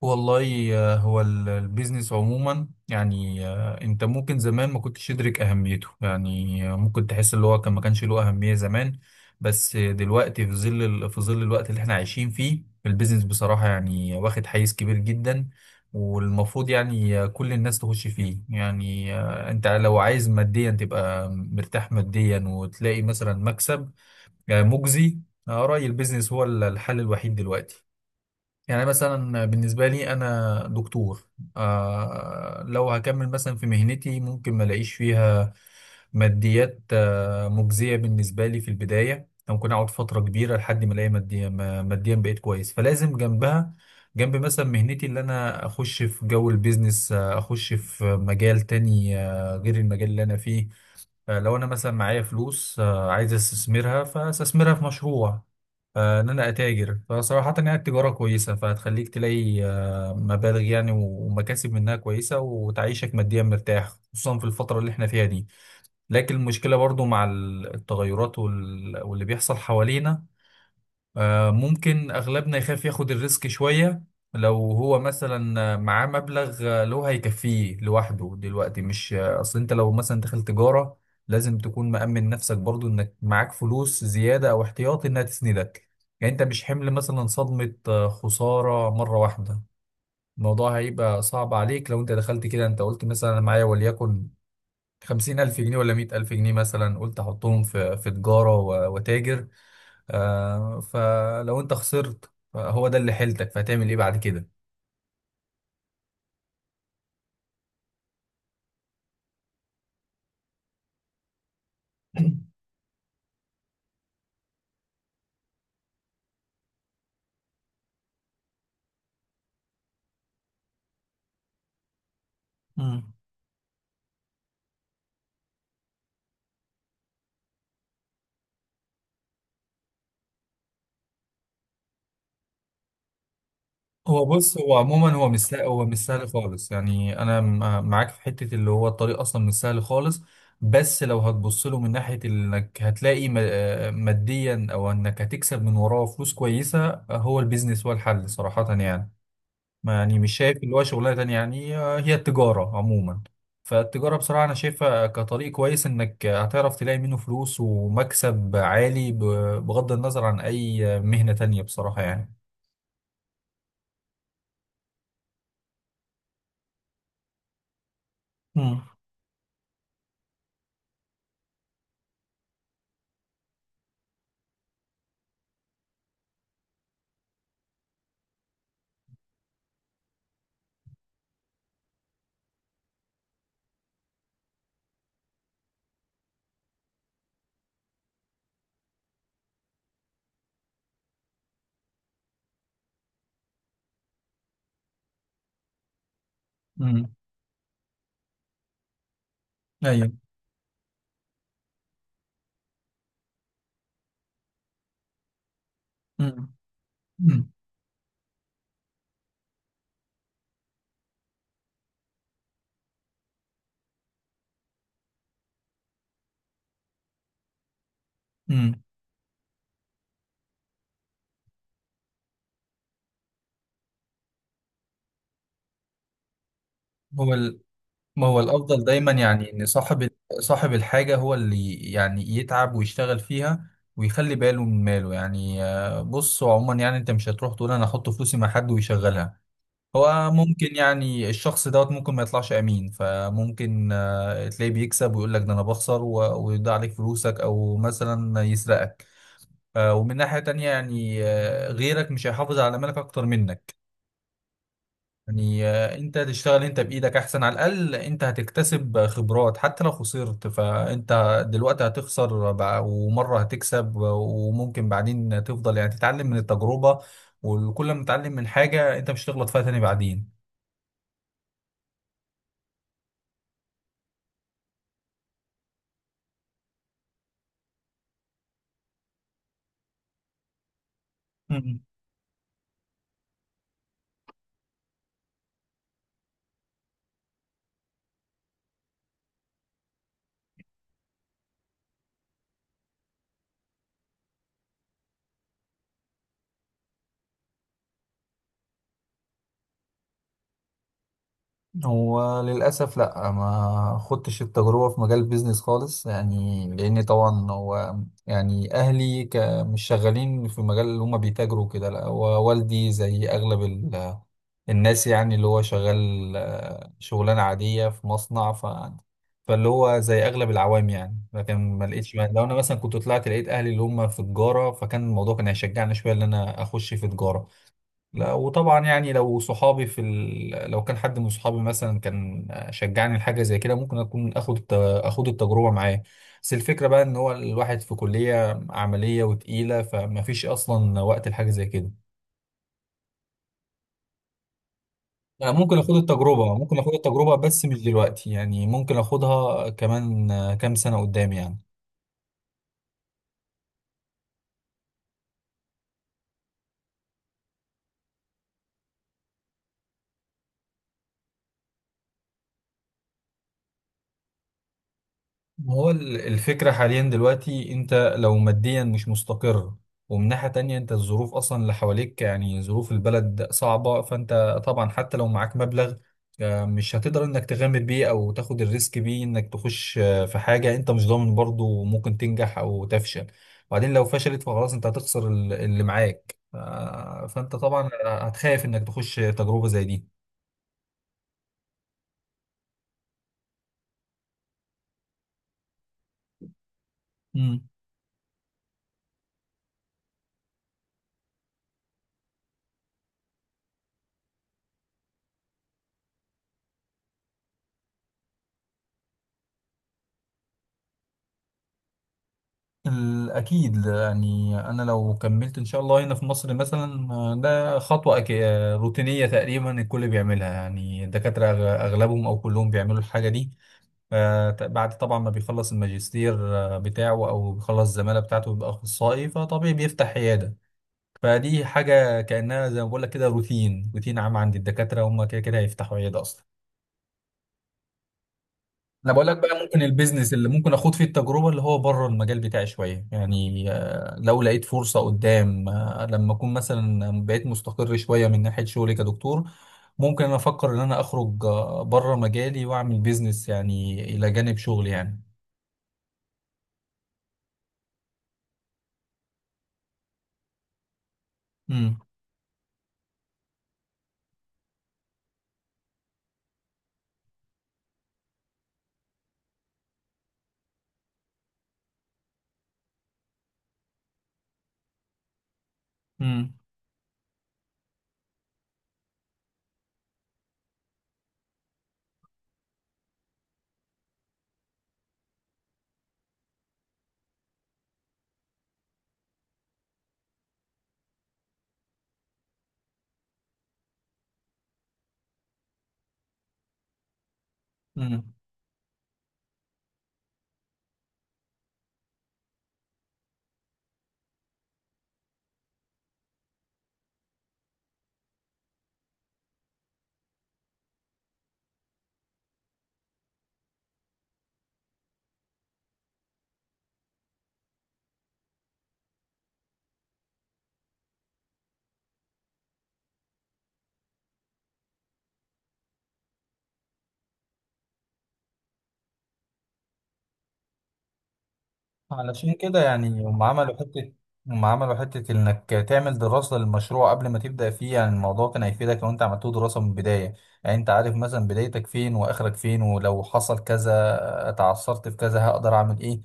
والله هو البيزنس عموما يعني انت ممكن زمان ما كنتش تدرك اهميته يعني ممكن تحس اللي هو كان ما كانش له اهمية زمان. بس دلوقتي في ظل الوقت اللي احنا عايشين فيه البيزنس بصراحة يعني واخد حيز كبير جدا. والمفروض يعني كل الناس تخش فيه، يعني انت لو عايز ماديا تبقى مرتاح ماديا وتلاقي مثلا مكسب مجزي. رأيي البيزنس هو الحل الوحيد دلوقتي. يعني مثلا بالنسبة لي أنا دكتور. لو هكمل مثلا في مهنتي ممكن ما الاقيش فيها ماديات مجزية بالنسبة لي. في البداية ممكن أقعد فترة كبيرة لحد ما ألاقي ماديا ماديا بقيت كويس، فلازم جنبها جنب مثلا مهنتي اللي أنا أخش في جو البيزنس، أخش في مجال تاني غير المجال اللي أنا فيه. لو انا مثلا معايا فلوس عايز استثمرها فاستثمرها في مشروع، ان انا اتاجر. فصراحة يعني التجارة كويسة فهتخليك تلاقي مبالغ يعني ومكاسب منها كويسة وتعيشك ماديا مرتاح، خصوصا في الفترة اللي احنا فيها دي. لكن المشكلة برضو مع التغيرات واللي بيحصل حوالينا. ممكن أغلبنا يخاف ياخد الريسك شوية. لو هو مثلا معاه مبلغ اللي هو هيكفيه لوحده دلوقتي مش أصل أنت لو مثلا دخل تجارة لازم تكون مأمن نفسك برضو إنك معاك فلوس زيادة أو احتياطي إنها تسندك. يعني أنت مش حمل مثلا صدمة خسارة مرة واحدة. الموضوع هيبقى صعب عليك لو أنت دخلت كده. أنت قلت مثلا أنا معايا وليكن 50,000 جنيه ولا 100,000 جنيه، مثلا قلت أحطهم في تجارة وتاجر. فلو انت خسرت هو ده اللي حيلتك فهتعمل ايه بعد كده؟ مم. هو بص هو عموما هو مش سهل، هو مش سهل خالص يعني. انا معاك في حته اللي هو الطريق اصلا مش سهل خالص. بس لو هتبص له من ناحيه انك هتلاقي ماديا، او انك هتكسب من وراه فلوس كويسه هو البيزنس هو الحل صراحه يعني. ما يعني مش شايف اللي هو شغلانه تانية يعني هي التجاره عموما. فالتجاره بصراحه انا شايفها كطريق كويس انك هتعرف تلاقي منه فلوس ومكسب عالي بغض النظر عن اي مهنه تانية بصراحه يعني. امم. امم. ايوه. امم. امم. أمم. هو ال... ما هو الافضل دايما يعني ان صاحب صاحب الحاجه هو اللي يعني يتعب ويشتغل فيها، ويخلي باله من ماله. يعني بص هو عموما يعني انت مش هتروح تقول انا احط فلوسي مع حد ويشغلها. هو ممكن يعني الشخص دوت ممكن ما يطلعش امين، فممكن تلاقيه بيكسب ويقول لك ده انا بخسر ويضيع عليك فلوسك او مثلا يسرقك. ومن ناحية تانية يعني غيرك مش هيحافظ على مالك اكتر منك. يعني انت تشتغل انت بايدك احسن، على الاقل انت هتكتسب خبرات. حتى لو خسرت فانت دلوقتي هتخسر ومرة هتكسب وممكن بعدين تفضل يعني تتعلم من التجربة. وكل ما تتعلم من حاجة انت مش هتغلط فيها تاني بعدين. هو للأسف لأ، ما خدتش التجربة في مجال البيزنس خالص يعني، لأن طبعا هو يعني أهلي مش شغالين في المجال اللي هما بيتاجروا كده. لأ هو والدي زي أغلب الناس يعني، اللي هو شغال شغلانة عادية في مصنع، فاللي هو زي أغلب العوام يعني. لكن ما لقيتش، لو أنا مثلا كنت طلعت لقيت أهلي اللي هما في تجارة فكان الموضوع كان هيشجعني شوية إن أنا أخش في تجارة. لا وطبعا يعني لو صحابي لو كان حد من صحابي مثلا كان شجعني لحاجه زي كده ممكن اكون اخد التجربه معاه. بس الفكره بقى ان هو الواحد في كليه عمليه وتقيله فما فيش اصلا وقت لحاجه زي كده. لا ممكن اخد التجربه، ممكن اخد التجربه بس مش دلوقتي يعني، ممكن اخدها كمان كام سنه قدام يعني. ما هو الفكرة حاليا دلوقتي انت لو ماديا مش مستقر، ومن ناحية تانية انت الظروف اصلا اللي حواليك يعني ظروف البلد صعبة. فانت طبعا حتى لو معاك مبلغ مش هتقدر انك تغامر بيه او تاخد الريسك بيه، انك تخش في حاجة انت مش ضامن برضو ممكن تنجح او تفشل. وبعدين لو فشلت فخلاص انت هتخسر اللي معاك فانت طبعا هتخاف انك تخش تجربة زي دي. مم. أكيد يعني أنا لو كملت إن شاء الله هنا في مصر مثلا ده خطوة أكي... آه، روتينية تقريبا الكل بيعملها يعني. الدكاترة أغلبهم أو كلهم بيعملوا الحاجة دي. بعد طبعا ما بيخلص الماجستير بتاعه أو بيخلص الزمالة بتاعته بيبقى أخصائي فطبيعي بيفتح عيادة. فدي حاجة كأنها زي ما بقول لك كده روتين روتين عام عند الدكاترة، هم كده كده هيفتحوا عيادة أصلا. انا بقول لك بقى ممكن البيزنس اللي ممكن اخوض فيه التجربه اللي هو بره المجال بتاعي شويه يعني، لو لقيت فرصه قدام لما اكون مثلا بقيت مستقر شويه من ناحيه شغلي كدكتور، ممكن انا افكر ان انا اخرج بره مجالي واعمل بيزنس يعني الى جانب شغلي يعني. امم. امم. علشان كده يعني هم عملوا حتة إنك تعمل دراسة للمشروع قبل ما تبدأ فيه. يعني الموضوع كان هيفيدك لو أنت عملته دراسة من البداية، يعني أنت عارف مثلا بدايتك فين وآخرك فين، ولو حصل كذا اتعثرت في كذا هقدر أعمل إيه.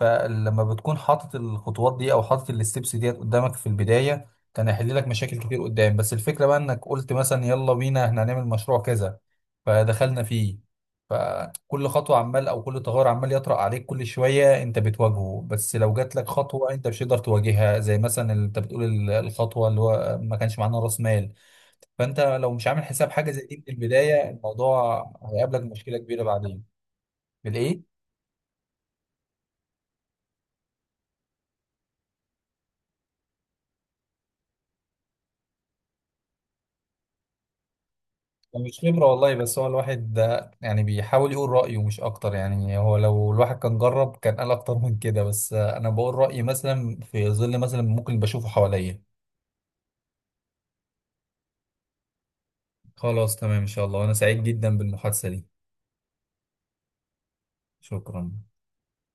فلما بتكون حاطط الخطوات دي او حاطط الستبس ديت قدامك في البدايه كان هيحل لك مشاكل كتير قدام. بس الفكره بقى انك قلت مثلا يلا بينا احنا هنعمل مشروع كذا فدخلنا فيه، فكل خطوه عمال او كل تغير عمال يطرأ عليك كل شويه انت بتواجهه. بس لو جات لك خطوه انت مش هتقدر تواجهها زي مثلا اللي انت بتقول الخطوه اللي هو ما كانش معانا راس مال. فانت لو مش عامل حساب حاجه زي دي من البدايه الموضوع هيقابلك مشكله كبيره بعدين. بالايه. مش خبرة والله، بس هو الواحد ده يعني بيحاول يقول رأيه مش أكتر يعني. هو لو الواحد كان جرب كان قال أكتر من كده، بس أنا بقول رأيي مثلا في ظل مثلا ممكن بشوفه حواليا. خلاص تمام إن شاء الله وأنا سعيد جدا بالمحادثة دي. شكرا.